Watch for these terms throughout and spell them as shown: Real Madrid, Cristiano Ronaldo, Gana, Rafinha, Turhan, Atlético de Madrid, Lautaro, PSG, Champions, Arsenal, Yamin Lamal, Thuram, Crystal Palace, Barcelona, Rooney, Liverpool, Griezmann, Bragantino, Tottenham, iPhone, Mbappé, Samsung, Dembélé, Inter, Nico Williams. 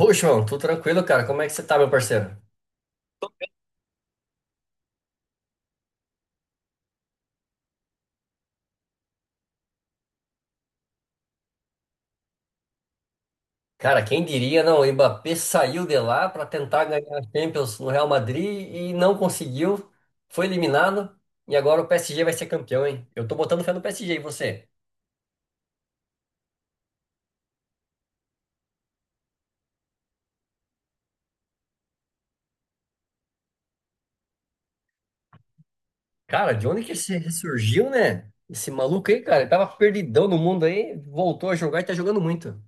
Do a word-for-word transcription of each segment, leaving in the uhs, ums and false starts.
Poxa, mano, tudo tranquilo, cara? Como é que você tá, meu parceiro? Cara, quem diria, não? O Mbappé saiu de lá para tentar ganhar a Champions no Real Madrid e não conseguiu. Foi eliminado e agora o P S G vai ser campeão, hein? Eu tô botando fé no P S G, e você? Cara, de onde que esse ressurgiu, né? Esse maluco aí, cara, ele tava perdidão no mundo aí, voltou a jogar e tá jogando muito.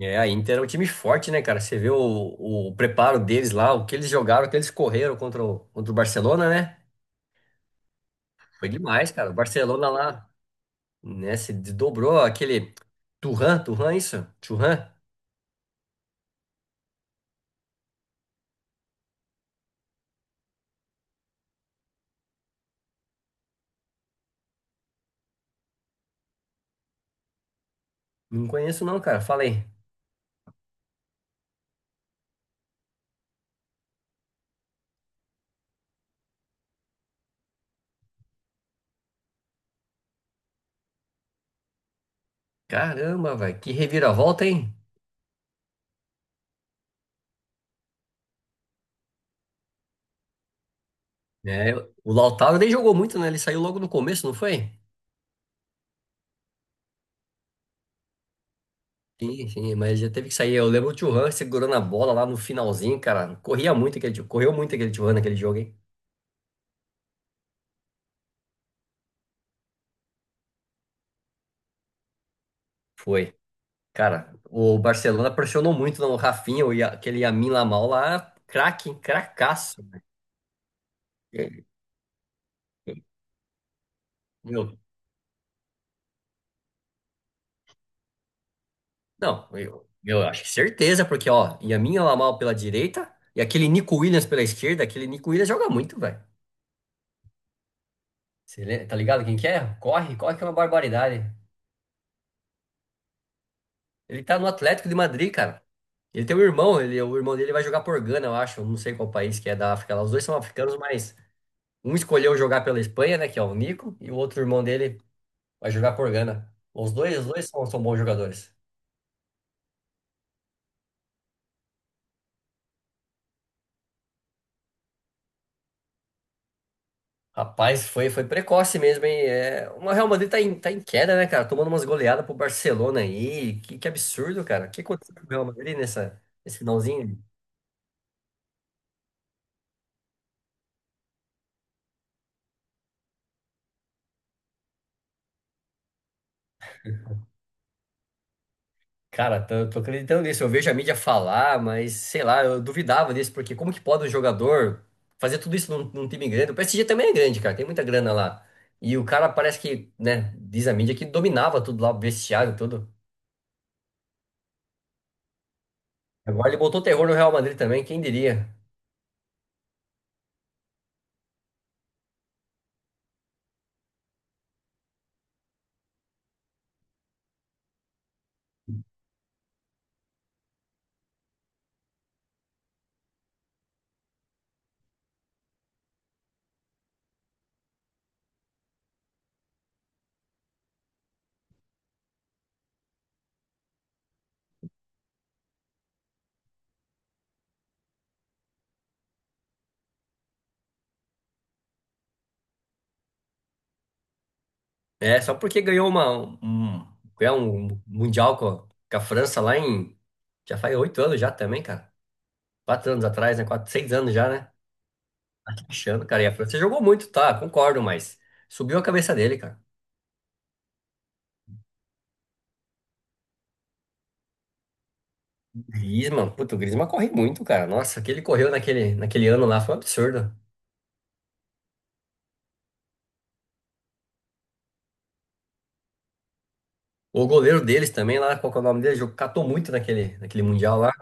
É, a Inter é um time forte, né, cara? Você vê o, o preparo deles lá, o que eles jogaram, o que eles correram contra o, contra o Barcelona, né? Foi demais, cara. O Barcelona lá, né? Se dobrou aquele Turhan, Turhan, isso? Turhan? Não conheço não, cara. Falei. Caramba, velho, que reviravolta, hein? É, o Lautaro nem jogou muito, né? Ele saiu logo no começo, não foi? Sim, sim, mas já teve que sair. Eu lembro o Thuram segurando a bola lá no finalzinho, cara. Corria muito aquele, correu muito aquele Thuram naquele jogo, hein? Foi. Cara, o Barcelona pressionou muito no Rafinha, o Ya- aquele Yamin Lamal lá, craque, hein? Cracaço. Meu, não, eu, eu acho que certeza, porque, ó, Yamin Yamal pela direita e aquele Nico Williams pela esquerda, aquele Nico Williams joga muito, velho. Você lem- tá ligado quem que é? Corre, corre que é uma barbaridade. Ele tá no Atlético de Madrid, cara. Ele tem um irmão, ele, o irmão dele vai jogar por Gana, eu acho, não sei qual país que é da África lá. Os dois são africanos, mas um escolheu jogar pela Espanha, né, que é o Nico, e o outro irmão dele vai jogar por Gana. Os dois, os dois são, são bons jogadores. Rapaz, foi, foi precoce mesmo, hein? É, o Real Madrid tá em, tá em queda, né, cara? Tomando umas goleadas pro Barcelona aí. Que, que absurdo, cara. O que aconteceu com o Real Madrid nessa, nesse finalzinho? Cara, tô, tô acreditando nisso. Eu vejo a mídia falar, mas sei lá, eu duvidava disso, porque como que pode um jogador fazer tudo isso num, num time grande? O P S G também é grande, cara, tem muita grana lá. E o cara parece que, né, diz a mídia que dominava tudo lá, o vestiário, tudo. Agora ele botou terror no Real Madrid também, quem diria? É, só porque ganhou uma, um, ganhou um Mundial com, com a França lá em. Já faz oito anos já também, cara. Quatro anos atrás, né? Quatro, seis anos já, né? Tá achando, cara. E a França jogou muito, tá? Concordo, mas subiu a cabeça dele, cara. Griezmann, puto, o Griezmann corre muito, cara. Nossa, o que ele correu naquele, naquele ano lá foi um absurdo. O goleiro deles também lá, qual que é o nome dele? Jogou- Catou muito naquele, naquele Mundial lá.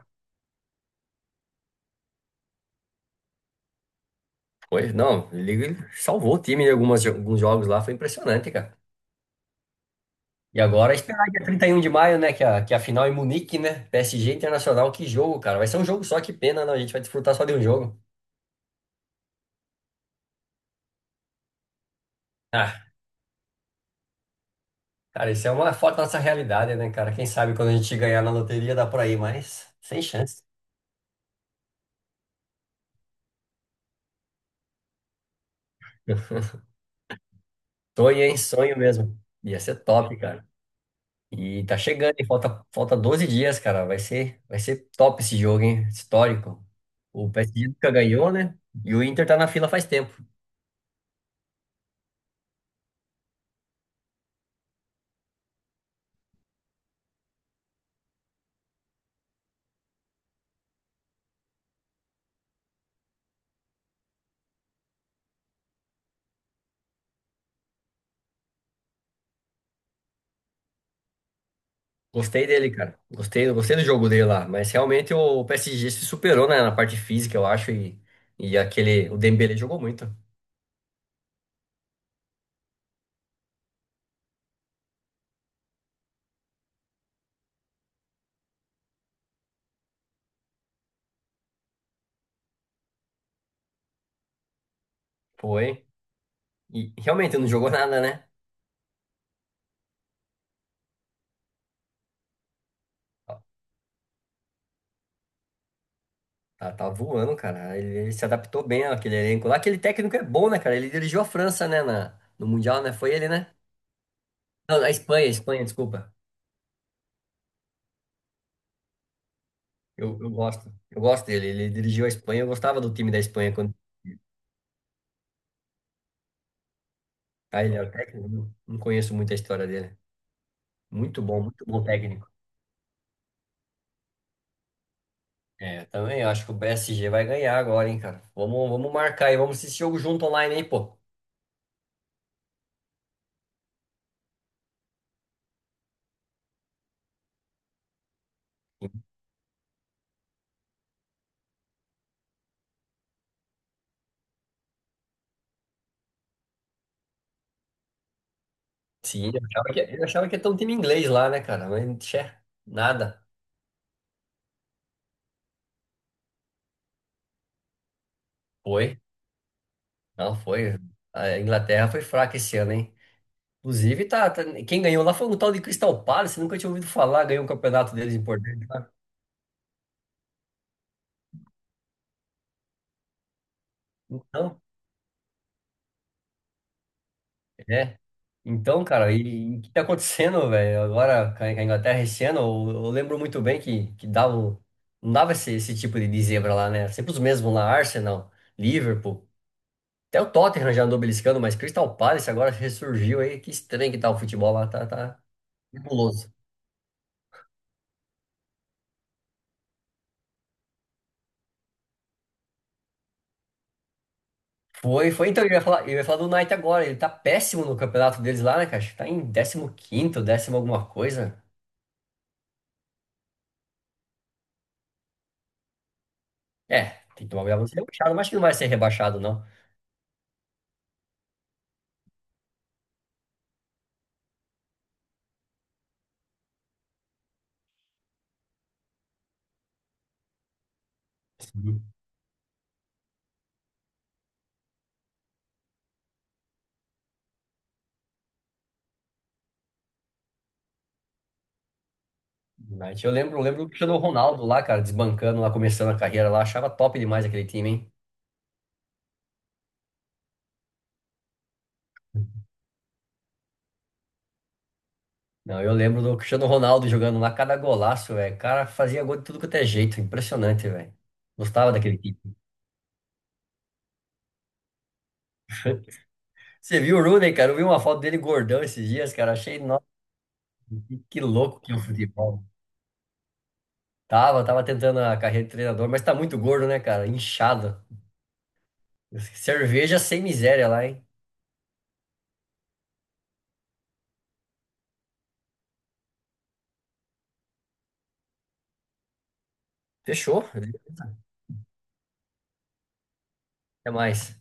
Foi, não, ele ele salvou o time em algumas, jo- alguns jogos lá, foi impressionante, cara. E agora esperar dia trinta e um de maio, né? Que a, que a final é em Munique, né? P S G Internacional, que jogo, cara. Vai ser um jogo só, que pena, não. A gente vai desfrutar só de um jogo. Ah, cara, isso é uma foto da nossa realidade, né, cara? Quem sabe quando a gente ganhar na loteria dá por aí, mas sem chance. Sonho, hein? Sonho mesmo. Ia ser top, cara. E tá chegando, hein? Falta, falta doze dias, cara. Vai ser, vai ser top esse jogo, hein? Histórico. O P S G nunca ganhou, né? E o Inter tá na fila faz tempo. Gostei dele, cara. Gostei, gostei do jogo dele lá. Mas realmente o P S G se superou, né, na parte física, eu acho. E, e aquele. O Dembélé jogou muito. Foi. E realmente não jogou nada, né? Tá, tá voando, cara. Ele, ele se adaptou bem àquele elenco lá. Aquele técnico é bom, né, cara? Ele dirigiu a França, né, na, no Mundial, né? Foi ele, né? Não, a Espanha, a Espanha, desculpa. Eu, eu gosto. Eu gosto dele. Ele dirigiu a Espanha. Eu gostava do time da Espanha quando. Ah, ele era técnico? Não, não conheço muito a história dele. Muito bom, muito bom técnico. É, eu também acho que o P S G vai ganhar agora, hein, cara. Vamos, vamos marcar aí, vamos assistir jogo junto online aí, pô. Sim, eu achava que, eu achava que ia ter um time inglês lá, né, cara? Mas, tchê, nada. Foi, não foi. A Inglaterra foi fraca esse ano, hein? Inclusive, tá, tá- quem ganhou lá foi um tal de Crystal Palace, nunca tinha ouvido falar, ganhou um campeonato deles importante lá. Então, é. Então, cara, e e o que tá acontecendo, velho? Agora com a com a Inglaterra esse ano, eu, eu lembro muito bem que, que dava, o- não dava esse, esse tipo de de zebra lá, né? Era sempre os mesmos lá, Arsenal, Liverpool, até o Tottenham já andou beliscando, mas Crystal Palace agora ressurgiu aí. Que estranho que tá o futebol lá, tá, tá nebuloso. Foi, foi, então, eu ia falar, eu ia falar do Knight agora, ele tá péssimo no campeonato deles lá, né, cara? Acho que tá em décimo quinto, décimo alguma coisa. É, tem que tomar cuidado pra não ser rebaixado, mas acho que não vai ser rebaixado, não. United. Eu lembro, eu lembro do Cristiano Ronaldo lá, cara, desbancando lá, começando a carreira lá. Achava top demais aquele time, hein? Não, eu lembro do Cristiano Ronaldo jogando lá, cada golaço, velho. O cara fazia gol de tudo quanto é jeito. Impressionante, velho. Gostava daquele time. Você viu o Rooney, cara? Eu vi uma foto dele gordão esses dias, cara. Achei, nossa, que que louco que é o futebol. Tava, tava tentando a carreira de treinador, mas tá muito gordo, né, cara? Inchado. Cerveja sem miséria lá, hein? Fechou. Até mais.